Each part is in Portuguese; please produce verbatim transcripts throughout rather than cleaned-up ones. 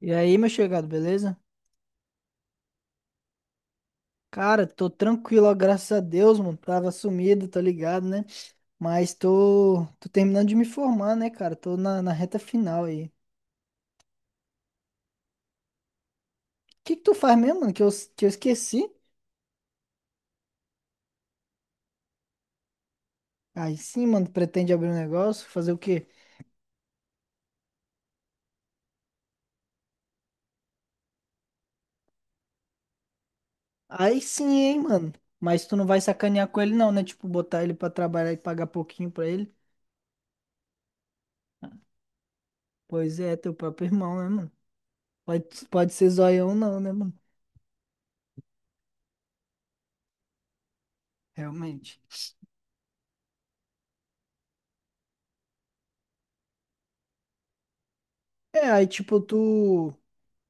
E aí, meu chegado, beleza? Cara, tô tranquilo, ó, graças a Deus, mano. Tava sumido, tá ligado, né? Mas tô, tô terminando de me formar, né, cara? Tô na, na reta final aí. O que que tu faz mesmo, mano? Que eu, que eu esqueci? Aí sim, mano, pretende abrir um negócio? Fazer o quê? Aí sim, hein, mano. Mas tu não vai sacanear com ele, não, né? Tipo, botar ele pra trabalhar e pagar pouquinho pra ele? Pois é, teu próprio irmão, né, mano? Pode, pode ser zoião, não, né, mano? Realmente. É, aí, tipo, tu.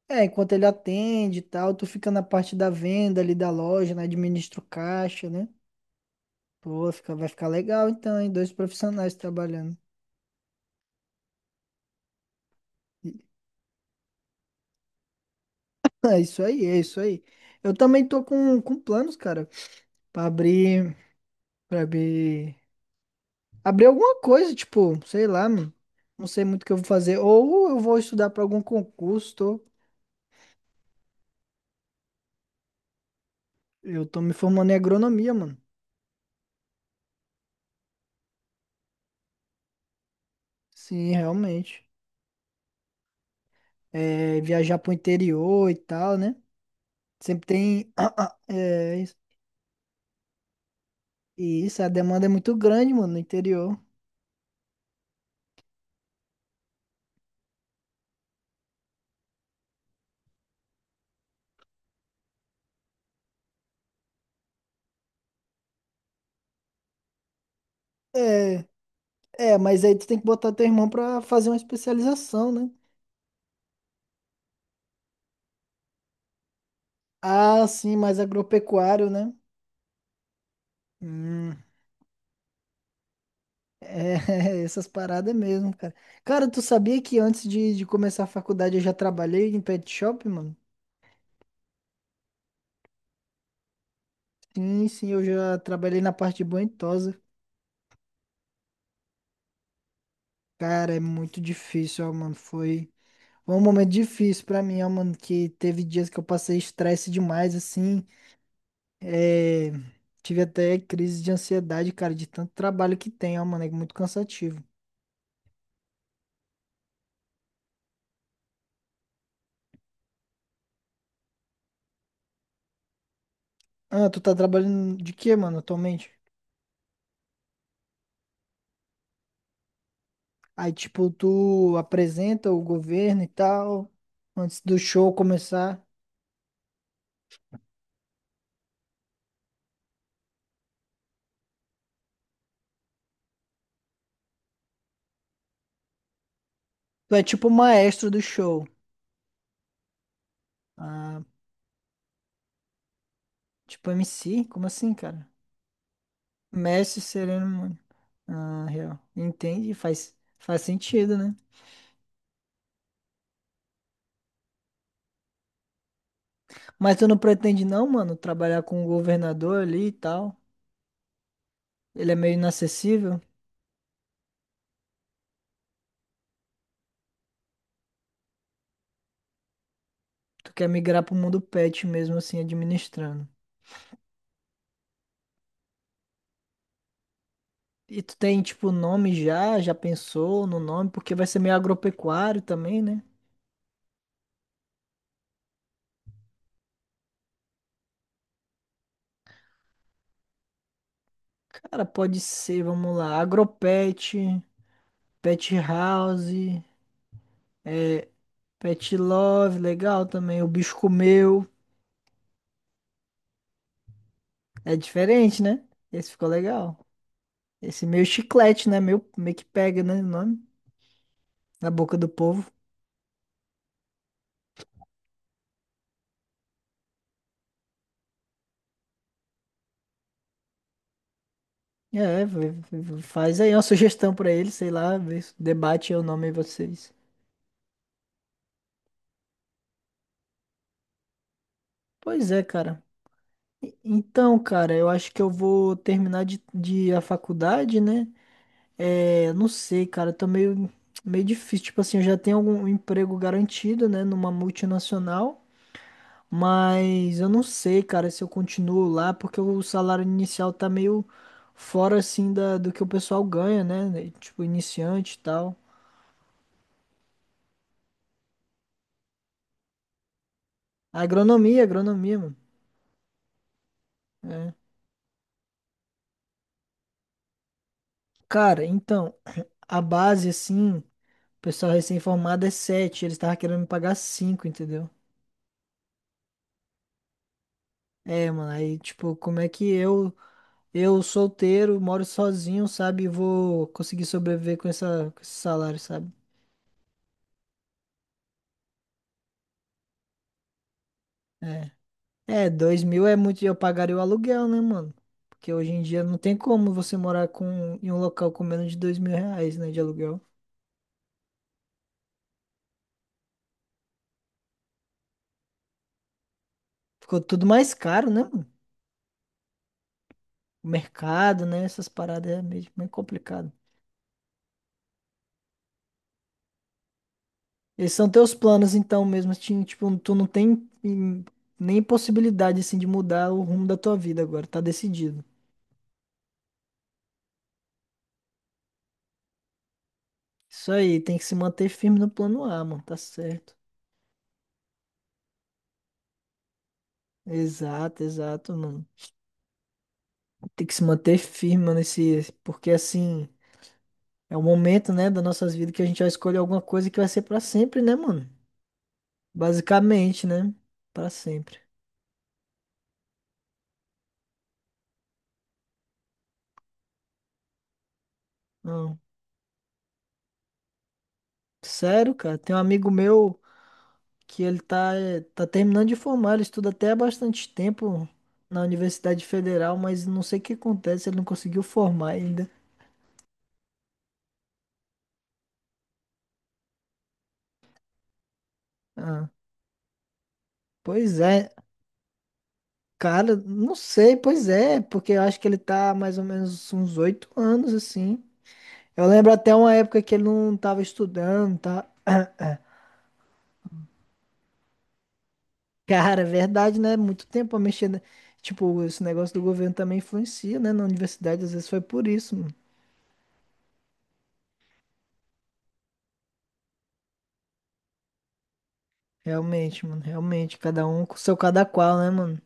É, enquanto ele atende e tal, tu fica na parte da venda ali da loja, né? Administra o caixa, né? Pô, fica, vai ficar legal então, hein? Dois profissionais trabalhando. É isso aí, é isso aí. Eu também tô com, com planos, cara, pra abrir, pra abrir, abrir alguma coisa, tipo, sei lá, mano. Não sei muito o que eu vou fazer. Ou eu vou estudar pra algum concurso, tô, eu tô me formando em agronomia, mano. Sim, realmente. É, viajar pro interior e tal, né? Sempre tem, é, e isso, a demanda é muito grande, mano, no interior. É, é, mas aí tu tem que botar teu irmão pra fazer uma especialização, né? Ah, sim, mais agropecuário, né? Hum, é, essas paradas mesmo, cara. Cara, tu sabia que antes de, de começar a faculdade eu já trabalhei em pet shop, mano? Sim, sim, eu já trabalhei na parte de banho-tosa. Cara, é muito difícil, ó, mano. Foi, foi um momento difícil pra mim, ó, mano, que teve dias que eu passei estresse demais, assim. É, tive até crise de ansiedade, cara, de tanto trabalho que tem, ó, mano, é muito cansativo. Ah, tu tá trabalhando de quê, mano, atualmente? Aí, tipo, tu apresenta o governo e tal, antes do show começar. Tu é tipo o maestro do show. Ah, tipo M C? Como assim, cara? Mestre Sereno, mano. Ah, real. Entende? Faz, faz sentido, né? Mas tu não pretende, não, mano, trabalhar com o governador ali e tal? Ele é meio inacessível? Tu quer migrar pro mundo pet mesmo, assim, administrando. E tu tem, tipo, nome já? Já pensou no nome? Porque vai ser meio agropecuário também, né? Cara, pode ser, vamos lá. Agropet, Pet House, Pet Love, legal também. O bicho comeu. É diferente, né? Esse ficou legal. Esse meio chiclete, né? Meio, meio que pega, né? O nome. Na boca do povo. É, vai- vai- faz aí uma sugestão pra ele, sei lá, vê se debate aí o nome aí vocês. Pois é, cara. Então, cara, eu acho que eu vou terminar de, de a faculdade, né? É, não sei, cara, tá meio, meio difícil. Tipo assim, eu já tenho algum emprego garantido, né, numa multinacional, mas eu não sei, cara, se eu continuo lá, porque o salário inicial tá meio fora, assim, da, do que o pessoal ganha, né? Tipo, iniciante e tal. Agronomia, agronomia, mano. É. Cara, então, a base, assim, o pessoal recém-formado é sete, eles estavam querendo me pagar cinco, entendeu? É, mano, aí, tipo, como é que eu, eu solteiro, moro sozinho, sabe, e vou conseguir sobreviver com essa, com esse salário, sabe? É. É, dois mil é muito, eu pagaria o aluguel, né, mano? Porque hoje em dia não tem como você morar com, em um local com menos de dois mil reais, né, de aluguel. Ficou tudo mais caro, né, mano? O mercado, né, essas paradas é meio, meio complicado. Esses são teus planos, então, mesmo, assim, tipo, tu não tem hum, nem possibilidade, assim, de mudar o rumo da tua vida agora, tá decidido. Isso aí, tem que se manter firme no plano A, mano, tá certo. Exato, exato, mano. Tem que se manter firme, mano, esse, porque assim, é o momento, né, das nossas vidas que a gente vai escolher alguma coisa que vai ser pra sempre, né, mano? Basicamente, né? Pra sempre. Não. Sério, cara, tem um amigo meu que ele tá, eh, tá terminando de formar, ele estuda até há bastante tempo na Universidade Federal, mas não sei o que acontece, ele não conseguiu formar ainda. Ah, pois é. Cara, não sei, pois é, porque eu acho que ele tá mais ou menos uns oito anos, assim. Eu lembro até uma época que ele não tava estudando, tá? Cara, é verdade, né? Muito tempo a mexer, né? Tipo, esse negócio do governo também influencia, né? Na universidade, às vezes foi por isso, mano. Realmente, mano, realmente. Cada um com seu cada qual, né, mano?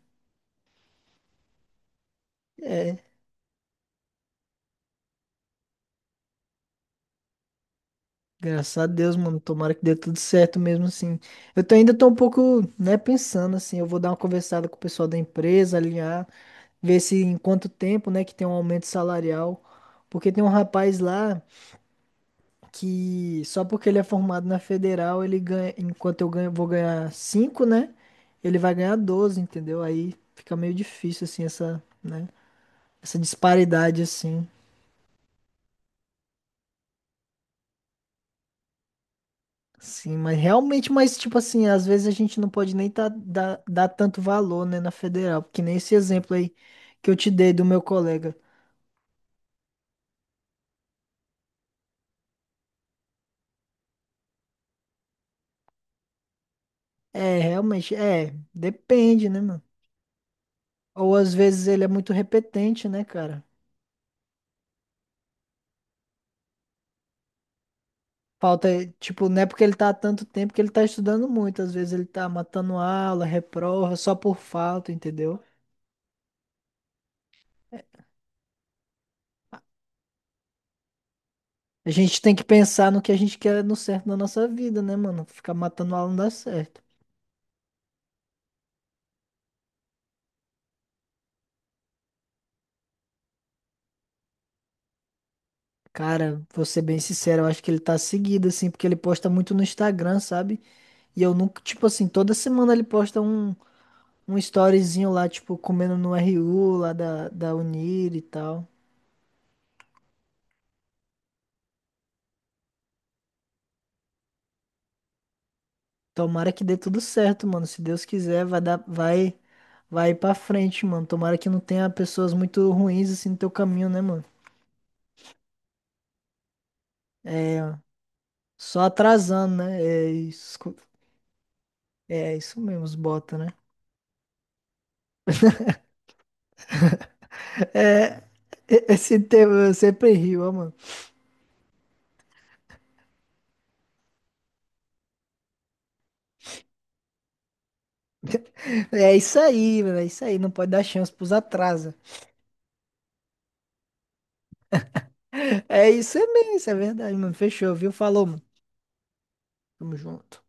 É, graças a Deus, mano. Tomara que dê tudo certo mesmo, assim. Eu tô, ainda tô um pouco, né, pensando, assim. Eu vou dar uma conversada com o pessoal da empresa, alinhar. Ver se em quanto tempo, né, que tem um aumento salarial. Porque tem um rapaz lá que só porque ele é formado na federal, ele ganha, enquanto eu ganho, vou ganhar cinco, né? Ele vai ganhar doze, entendeu? Aí fica meio difícil assim essa, né, essa disparidade assim. Sim, mas realmente, mas tipo assim, às vezes a gente não pode nem tá, dar, dar tanto valor, né, na federal, porque nem esse exemplo aí que eu te dei do meu colega. É, realmente, é, depende, né, mano? Ou às vezes ele é muito repetente, né, cara? Falta, eh, tipo, não é porque ele tá há tanto tempo que ele tá estudando muito. Às vezes ele tá matando aula, reprova, só por falta, entendeu? A gente tem que pensar no que a gente quer no certo na nossa vida, né, mano? Ficar matando aula não dá certo. Cara, vou ser bem sincero, eu acho que ele tá seguido, assim, porque ele posta muito no Instagram, sabe? E eu nunca, tipo assim, toda semana ele posta um, um storyzinho lá, tipo, comendo no R U lá da, da Unir e tal. Tomara que dê tudo certo, mano. Se Deus quiser, vai dar, vai, vai pra frente, mano. Tomara que não tenha pessoas muito ruins assim no teu caminho, né, mano? É, só atrasando, né? É isso, é isso mesmo, os bota, né? É, esse tema eu sempre rio, ó, mano. É isso aí, mano. É isso aí. Não pode dar chance pros atrasos. É isso mesmo, isso é verdade, mano. Fechou, viu? Falou, mano. Tamo junto.